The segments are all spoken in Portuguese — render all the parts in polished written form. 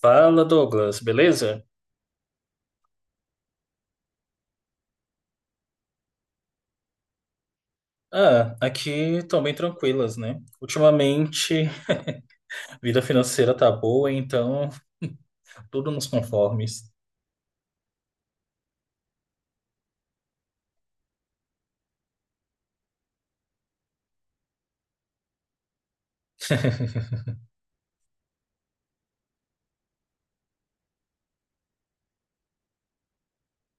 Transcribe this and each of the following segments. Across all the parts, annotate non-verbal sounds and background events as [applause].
Fala, Douglas, beleza? Ah, aqui estão bem tranquilas, né? Ultimamente, a vida financeira tá boa, então [laughs] tudo nos conformes. [laughs]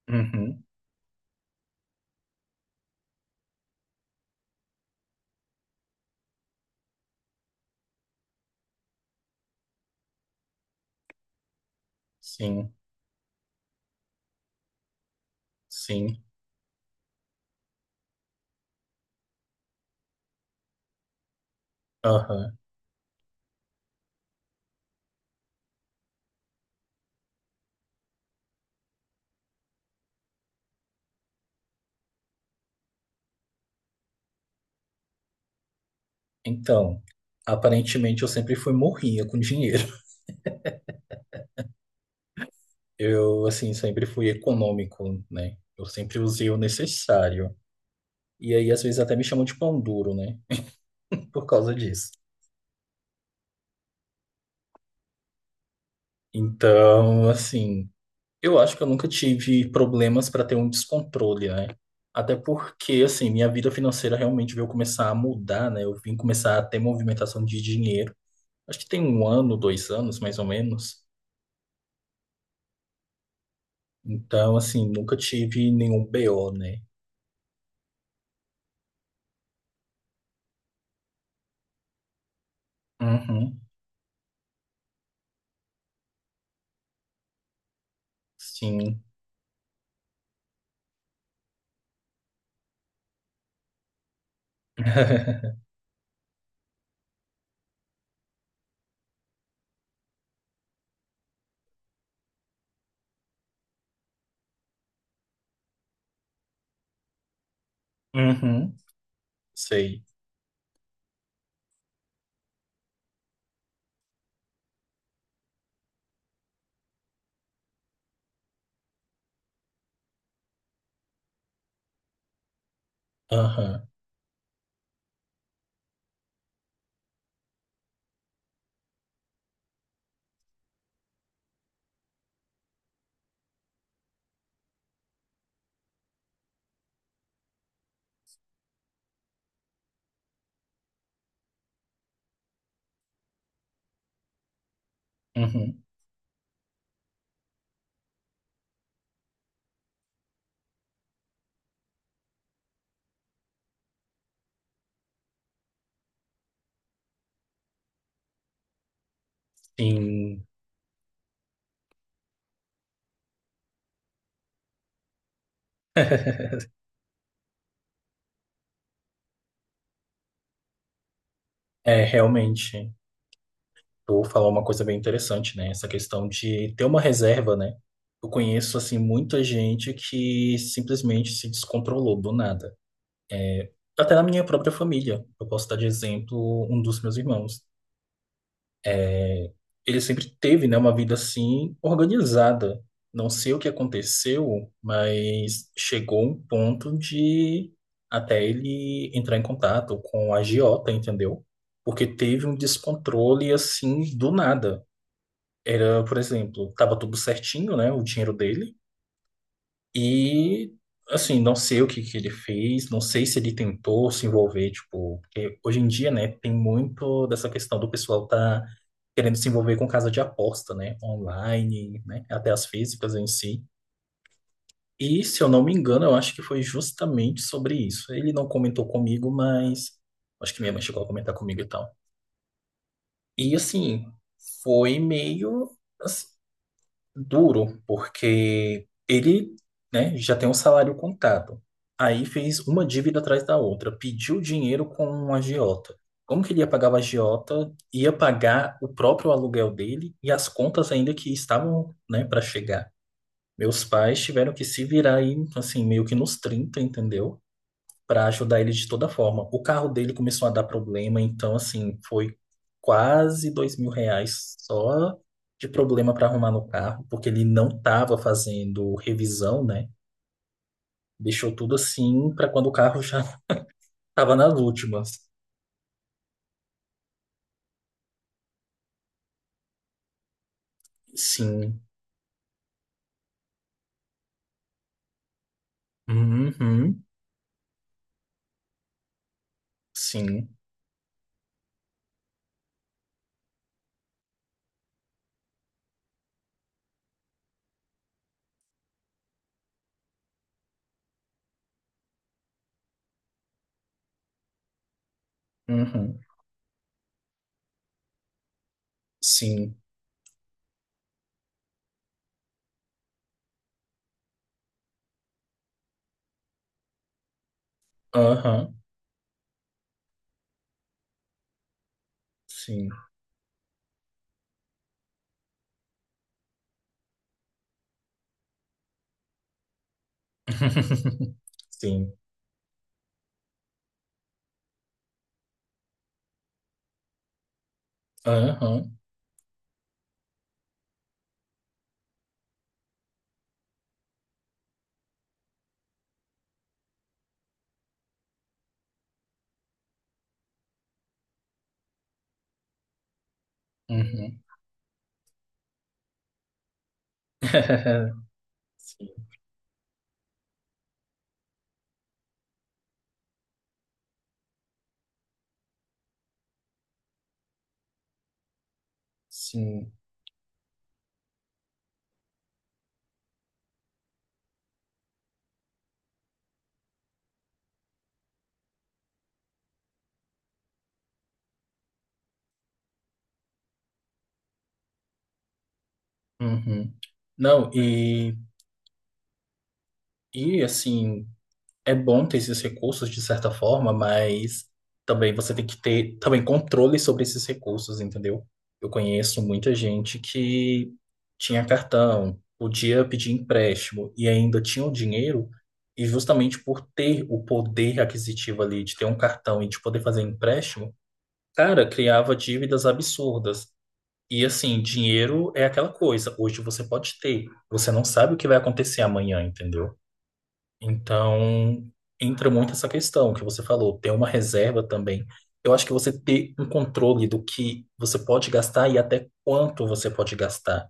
Uhum, sim, sim. Aham. Então, aparentemente eu sempre fui morrinha com dinheiro. [laughs] Eu, assim, sempre fui econômico, né? Eu sempre usei o necessário. E aí, às vezes, até me chamam de pão duro, né? Por causa disso. Então, assim. Eu acho que eu nunca tive problemas para ter um descontrole, né? Até porque, assim, minha vida financeira realmente veio começar a mudar, né? Eu vim começar a ter movimentação de dinheiro. Acho que tem um ano, 2 anos, mais ou menos. Então, assim, nunca tive nenhum BO, né? Uhum, sim. [laughs] Uhum, sei. Aham, uhum, sim. [laughs] É, realmente. Tu falou uma coisa bem interessante, né? Essa questão de ter uma reserva, né? Eu conheço, assim, muita gente que simplesmente se descontrolou do nada. Até na minha própria família. Eu posso dar de exemplo um dos meus irmãos. É, ele sempre teve, né, uma vida, assim, organizada. Não sei o que aconteceu, mas chegou um ponto de até ele entrar em contato com a agiota, entendeu? Porque teve um descontrole, assim, do nada. Era, por exemplo, tava tudo certinho, né? O dinheiro dele. E, assim, não sei o que que ele fez, não sei se ele tentou se envolver, tipo, porque hoje em dia, né, tem muito dessa questão do pessoal tá querendo se envolver com casa de aposta, né? Online, né? Até as físicas em si. E, se eu não me engano, eu acho que foi justamente sobre isso. Ele não comentou comigo, mas acho que minha mãe chegou a comentar comigo e tal. E, assim, foi meio, duro, porque ele, né, já tem um salário contado. Aí fez uma dívida atrás da outra, pediu dinheiro com um agiota. Como que ele ia pagar o agiota? Ia pagar o próprio aluguel dele e as contas ainda que estavam, né, para chegar. Meus pais tiveram que se virar aí, assim, meio que nos trinta, entendeu? Para ajudar ele de toda forma. O carro dele começou a dar problema, então, assim, foi quase 2 mil reais só de problema para arrumar no carro, porque ele não estava fazendo revisão, né? Deixou tudo assim para quando o carro já [laughs] estava nas últimas. Sim. Uhum. Sim. Uhum. Sim. Aham. Sim. [laughs] Sim. Aham. Uhum. [laughs] Sim. Sim. Uhum. Não, e assim, é bom ter esses recursos de certa forma, mas também você tem que ter também controle sobre esses recursos, entendeu? Eu conheço muita gente que tinha cartão, podia pedir empréstimo e ainda tinha o dinheiro, e justamente por ter o poder aquisitivo ali de ter um cartão e de poder fazer empréstimo, cara, criava dívidas absurdas. E assim, dinheiro é aquela coisa, hoje você pode ter, você não sabe o que vai acontecer amanhã, entendeu? Então, entra muito essa questão que você falou, ter uma reserva também. Eu acho que você ter um controle do que você pode gastar e até quanto você pode gastar,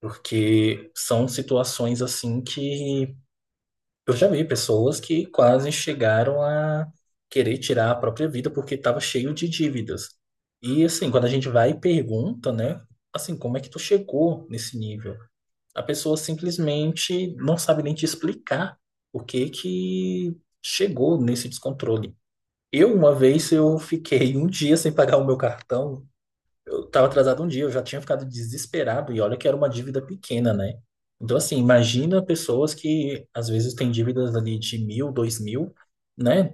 porque são situações assim que eu já vi pessoas que quase chegaram a querer tirar a própria vida porque estava cheio de dívidas. E assim, quando a gente vai e pergunta, né, assim, como é que tu chegou nesse nível? A pessoa simplesmente não sabe nem te explicar o que que chegou nesse descontrole. Eu, uma vez, eu fiquei um dia sem pagar o meu cartão. Eu estava atrasado um dia, eu já tinha ficado desesperado e olha que era uma dívida pequena, né? Então, assim, imagina pessoas que às vezes têm dívidas ali de 1.000, 2.000, né?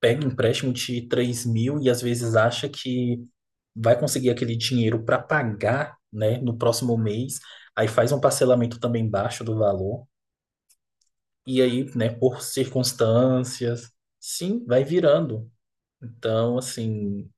Pega um empréstimo de 3 mil e às vezes acha que vai conseguir aquele dinheiro para pagar, né, no próximo mês, aí faz um parcelamento também baixo do valor, e aí, né, por circunstâncias, sim, vai virando. Então, assim,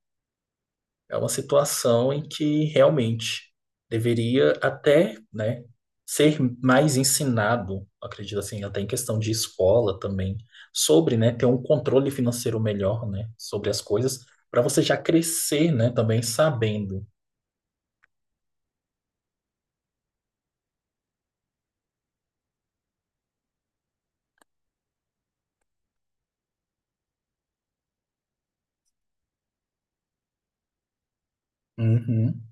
é uma situação em que realmente deveria até, né, ser mais ensinado, acredito assim, até em questão de escola também, sobre, né, ter um controle financeiro melhor, né, sobre as coisas, para você já crescer, né, também sabendo. Uhum,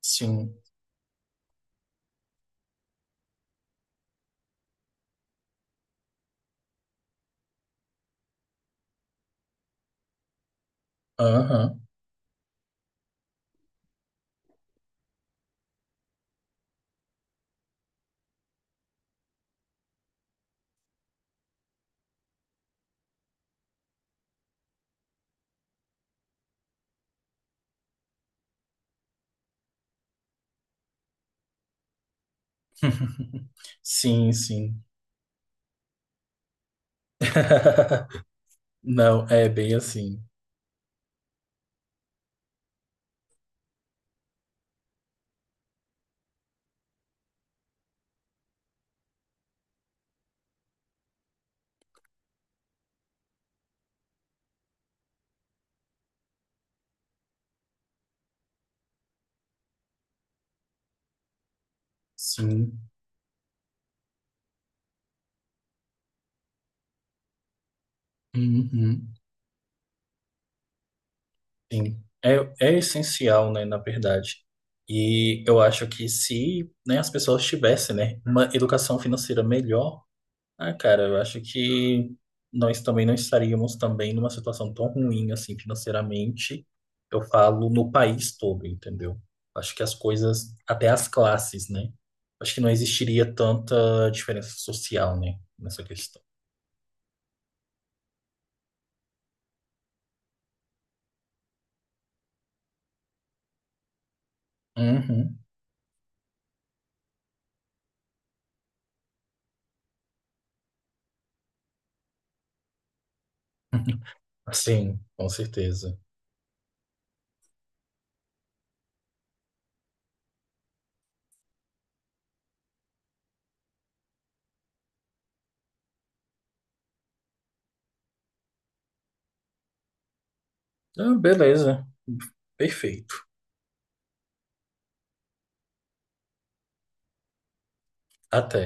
sim. Aham. [laughs] Sim, sim. [laughs] Não, é bem assim. Sim. Uhum. Sim. É, é essencial, né, na verdade. E eu acho que se, né, as pessoas tivessem, né, uma educação financeira melhor, ah, cara, eu acho que nós também não estaríamos também numa situação tão ruim assim financeiramente. Eu falo no país todo, entendeu? Acho que as coisas, até as classes, né? Acho que não existiria tanta diferença social, né, nessa questão. Uhum. [laughs] Sim, com certeza. Ah, beleza, perfeito. Até.